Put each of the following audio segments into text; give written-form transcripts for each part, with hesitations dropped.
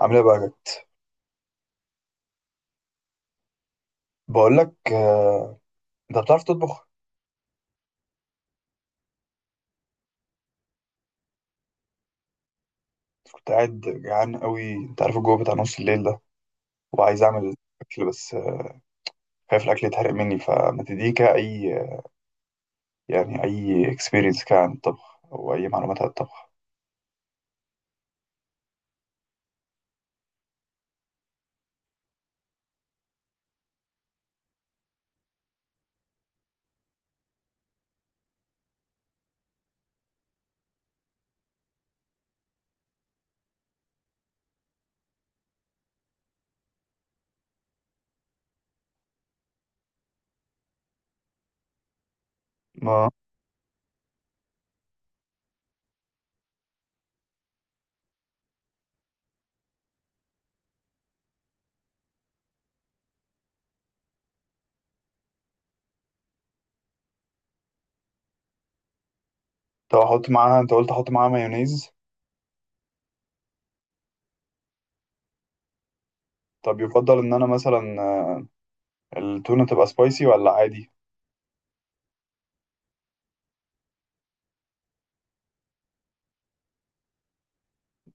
عامل ايه بقى يا جد؟ بقول لك، انت بتعرف تطبخ؟ كنت قاعد جعان قوي، انت عارف الجو بتاع نص الليل ده، وعايز اعمل اكل، بس خايف الاكل يتحرق مني، فما تديني كده اي يعني اي اكسبيرينس كده عن الطبخ او اي معلومات عن الطبخ. ما. طب احط معاها، انت قلت احط معاها مايونيز؟ طب يفضل ان انا مثلا التونه تبقى سبايسي ولا عادي؟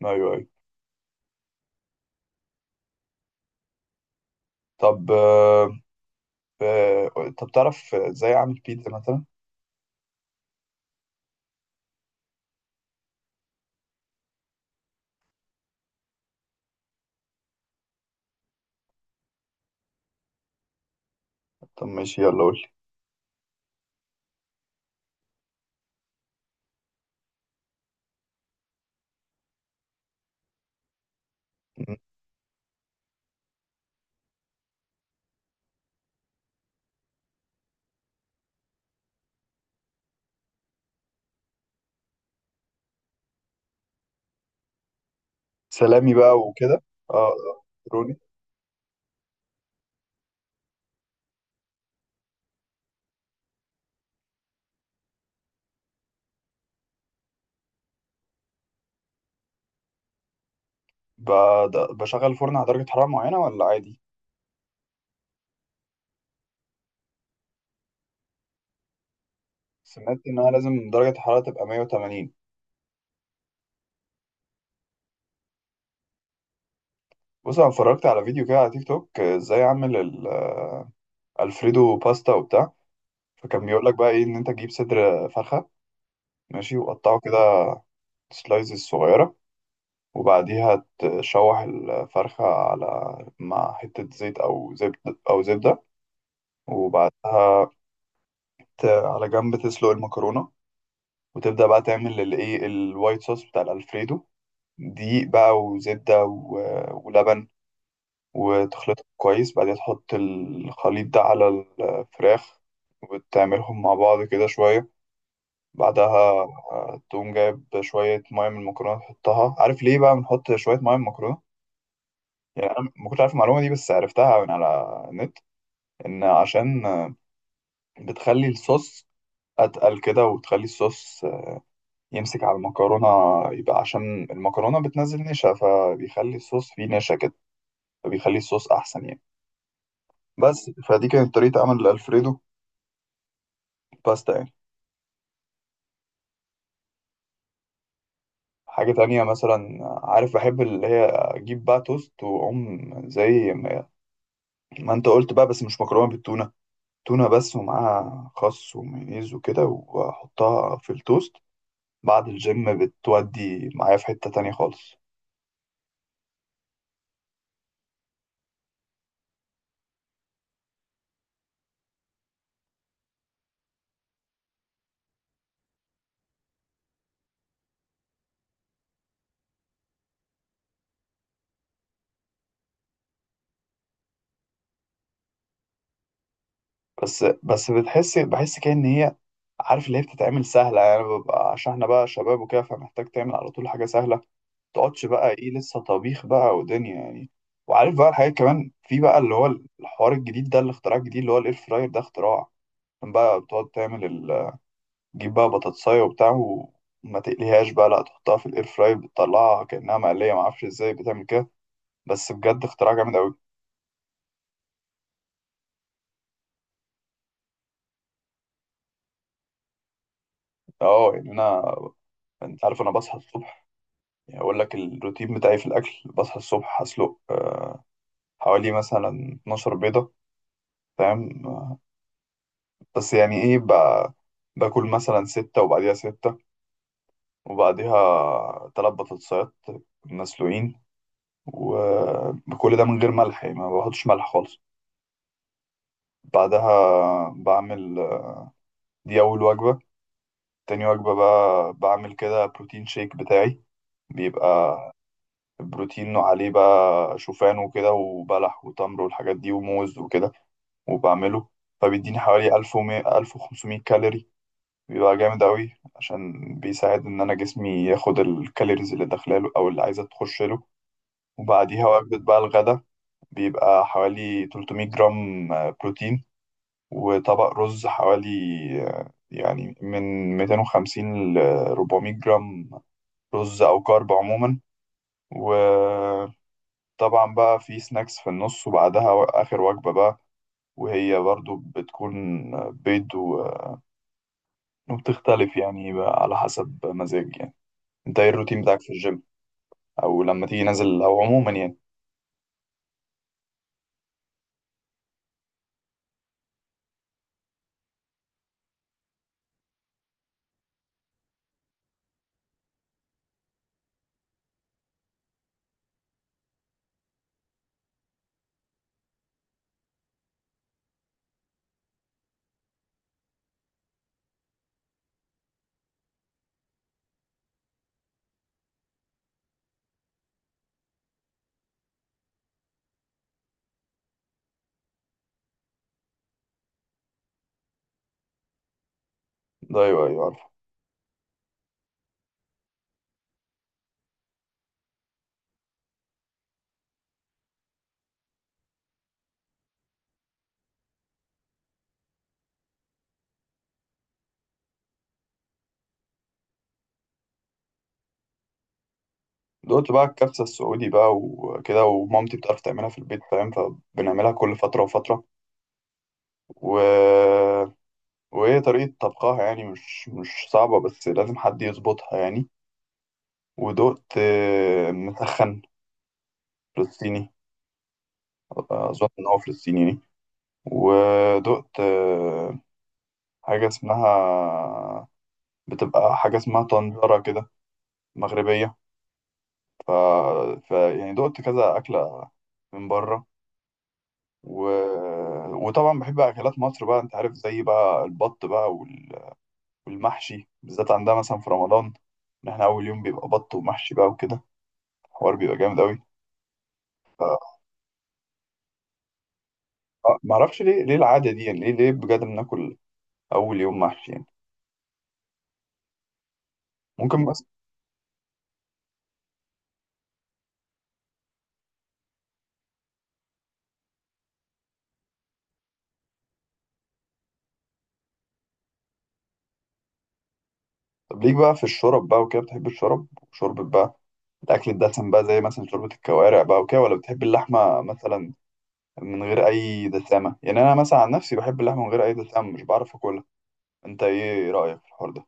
ايوه، ايوه. طب. طب تعرف ازاي اعمل بيتزا مثلا؟ طب ماشي، يلا قول لي. سلامي بقى وكده. اه. آه. بشغل الفرن على درجة حرارة معينة ولا عادي؟ سمعت إن أنا لازم درجة الحرارة تبقى 180. بص، أنا اتفرجت على فيديو كده على تيك توك، إزاي أعمل الفريدو باستا وبتاع. فكان بيقول لك بقى إيه، إن أنت تجيب صدر فرخة، ماشي، وقطعه كده سلايزز صغيرة، وبعديها تشوح الفرخة على مع حتة زيت أو زبدة أو زبدة. وبعدها على جنب تسلق المكرونة، وتبدأ بقى تعمل الإيه الوايت صوص بتاع الألفريدو، دقيق بقى وزبدة ولبن، وتخلطهم كويس. بعدين تحط الخليط ده على الفراخ، وتعملهم مع بعض كده شوية. بعدها تقوم جايب شوية مية من المكرونة تحطها. عارف ليه بقى بنحط شوية مية من المكرونة؟ يعني أنا ما كنتش عارف المعلومة دي، بس عرفتها من على النت، إن عشان بتخلي الصوص أتقل كده، وتخلي الصوص يمسك على المكرونة. يبقى عشان المكرونة بتنزل نشا، فبيخلي الصوص فيه نشا كده، فبيخلي الصوص أحسن يعني. بس فدي كانت طريقة عمل الألفريدو باستا يعني. حاجة تانية مثلا، عارف بحب اللي هي أجيب بقى توست وأقوم زي ما أنت قلت بقى، بس مش مكرونة بالتونة، تونة بس ومعاها خس ومايونيز وكده، وأحطها في التوست بعد الجيم، بتودي معايا في حتة تانية خالص. بس بتحس بحس كده إن هي، عارف اللي هي بتتعمل سهلة يعني، ببقى عشان احنا بقى شباب وكده، فمحتاج تعمل على طول حاجة سهلة، متقعدش بقى ايه لسه طبيخ بقى ودنيا يعني. وعارف بقى الحاجات كمان، في بقى اللي هو الحوار الجديد ده، الاختراع الجديد اللي هو الاير فراير. ده اختراع! كان بقى بتقعد تعمل تجيب بقى بطاطساية وبتاع وما تقليهاش بقى، لا تحطها في الاير فراير، بتطلعها كأنها مقلية. معرفش ازاي بتعمل كده، بس بجد اختراع جامد أوي. اه يعني انا، انت عارف انا بصحى الصبح، يعني اقول لك الروتين بتاعي في الاكل. بصحى الصبح هسلق حوالي مثلا 12 بيضة، فاهم؟ بس يعني ايه بقى، باكل مثلا ستة وبعديها ستة، وبعديها تلات بطاطسات مسلوقين، وكل ده من غير ملح يعني، ما بحطش ملح خالص. بعدها بعمل، دي أول وجبة. تاني وجبة بقى بعمل كده بروتين شيك بتاعي، بيبقى البروتين عليه بقى شوفان وكده وبلح وتمر والحاجات دي وموز وكده، وبعمله. فبيديني حوالي 1000 1500 كالوري، بيبقى جامد أوي عشان بيساعد إن أنا جسمي ياخد الكالوريز اللي داخلاله أو اللي عايزة تخش له. وبعديها وجبة بقى الغدا، بيبقى حوالي 300 جرام بروتين، وطبق رز حوالي يعني من 250 ل 400 جرام رز أو كارب عموما. وطبعا بقى في سناكس في النص، وبعدها آخر وجبة بقى، وهي برضو بتكون بيض وبتختلف يعني بقى على حسب مزاج يعني. انت ايه الروتين بتاعك في الجيم، او لما تيجي نازل، او عموما يعني؟ ده؟ ايوه، ايوه عارفه. دلوقتي بقى الكبسه السعودي بقى وكده، ومامتي بتعرف تعملها في البيت فاهم، فبنعملها كل فتره وفتره. و... وهي طريقه طبخها يعني مش صعبه، بس لازم حد يظبطها يعني. ودقت مسخن فلسطيني، اظن ان هو فلسطيني يعني. ودقت حاجه اسمها، بتبقى حاجه اسمها طنجره كده مغربيه. ف... ف يعني دقت كذا اكله من بره. و... وطبعا بحب اكلات مصر بقى، انت عارف زي بقى البط بقى والمحشي بالذات. عندها مثلا في رمضان ان احنا اول يوم بيبقى بط ومحشي بقى وكده، الحوار بيبقى جامد قوي. ف... آه، معرفش ليه العاده دي يعني، ليه بجد بناكل اول يوم محشي يعني؟ ممكن بس. طب ليك بقى في الشرب بقى وكده، بتحب الشرب شوربة بقى، الأكل الدسم بقى زي مثلا شوربة الكوارع بقى وكده، ولا بتحب اللحمة مثلا من غير أي دسامة؟ يعني أنا مثلا عن نفسي بحب اللحمة من غير أي دسامة، مش بعرف أكلها. أنت إيه رأيك في الحوار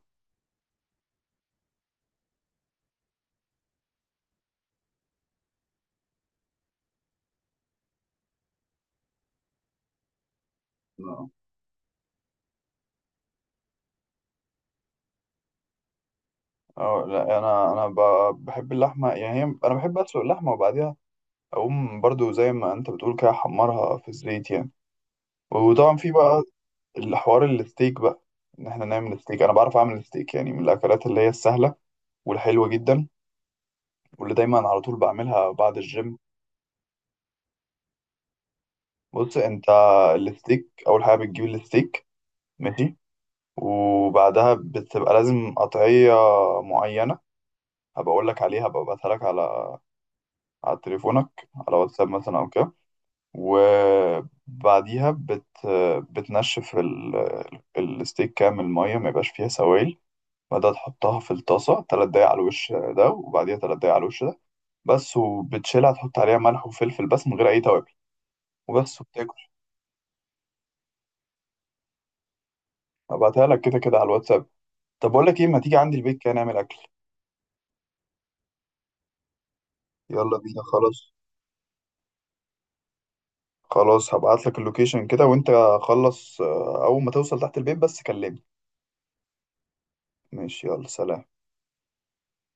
ده؟ اه لا، انا بحب اللحمه يعني، هي انا بحب اسلق اللحمه وبعديها اقوم برضو زي ما انت بتقول كده، احمرها في الزيت يعني. وطبعا في بقى الحوار الستيك بقى، ان احنا نعمل ستيك. انا بعرف اعمل ستيك، يعني من الاكلات اللي هي السهله والحلوه جدا، واللي دايما على طول بعملها بعد الجيم. بص انت، الستيك اول حاجه بتجيب الستيك ماشي، وبعدها بتبقى لازم قطعيه معينه، هبقى اقول لك عليها، هبقى ابعتها لك على تليفونك على واتساب مثلا او كده. وبعديها بتنشف الستيك كامل مية، ما يبقاش فيها سوائل. بعدها تحطها في الطاسة تلات دقايق على الوش ده، وبعديها تلات دقايق على الوش ده بس، وبتشيلها تحط عليها ملح وفلفل بس من غير أي توابل وبس، وبتاكل. هبعتها لك كده كده على الواتساب. طب بقول لك إيه، ما تيجي عندي البيت كده نعمل أكل؟ يلا بينا خلاص. خلاص هبعت لك اللوكيشن كده، وأنت خلص أول ما توصل تحت البيت بس كلمني. ماشي، يلا سلام.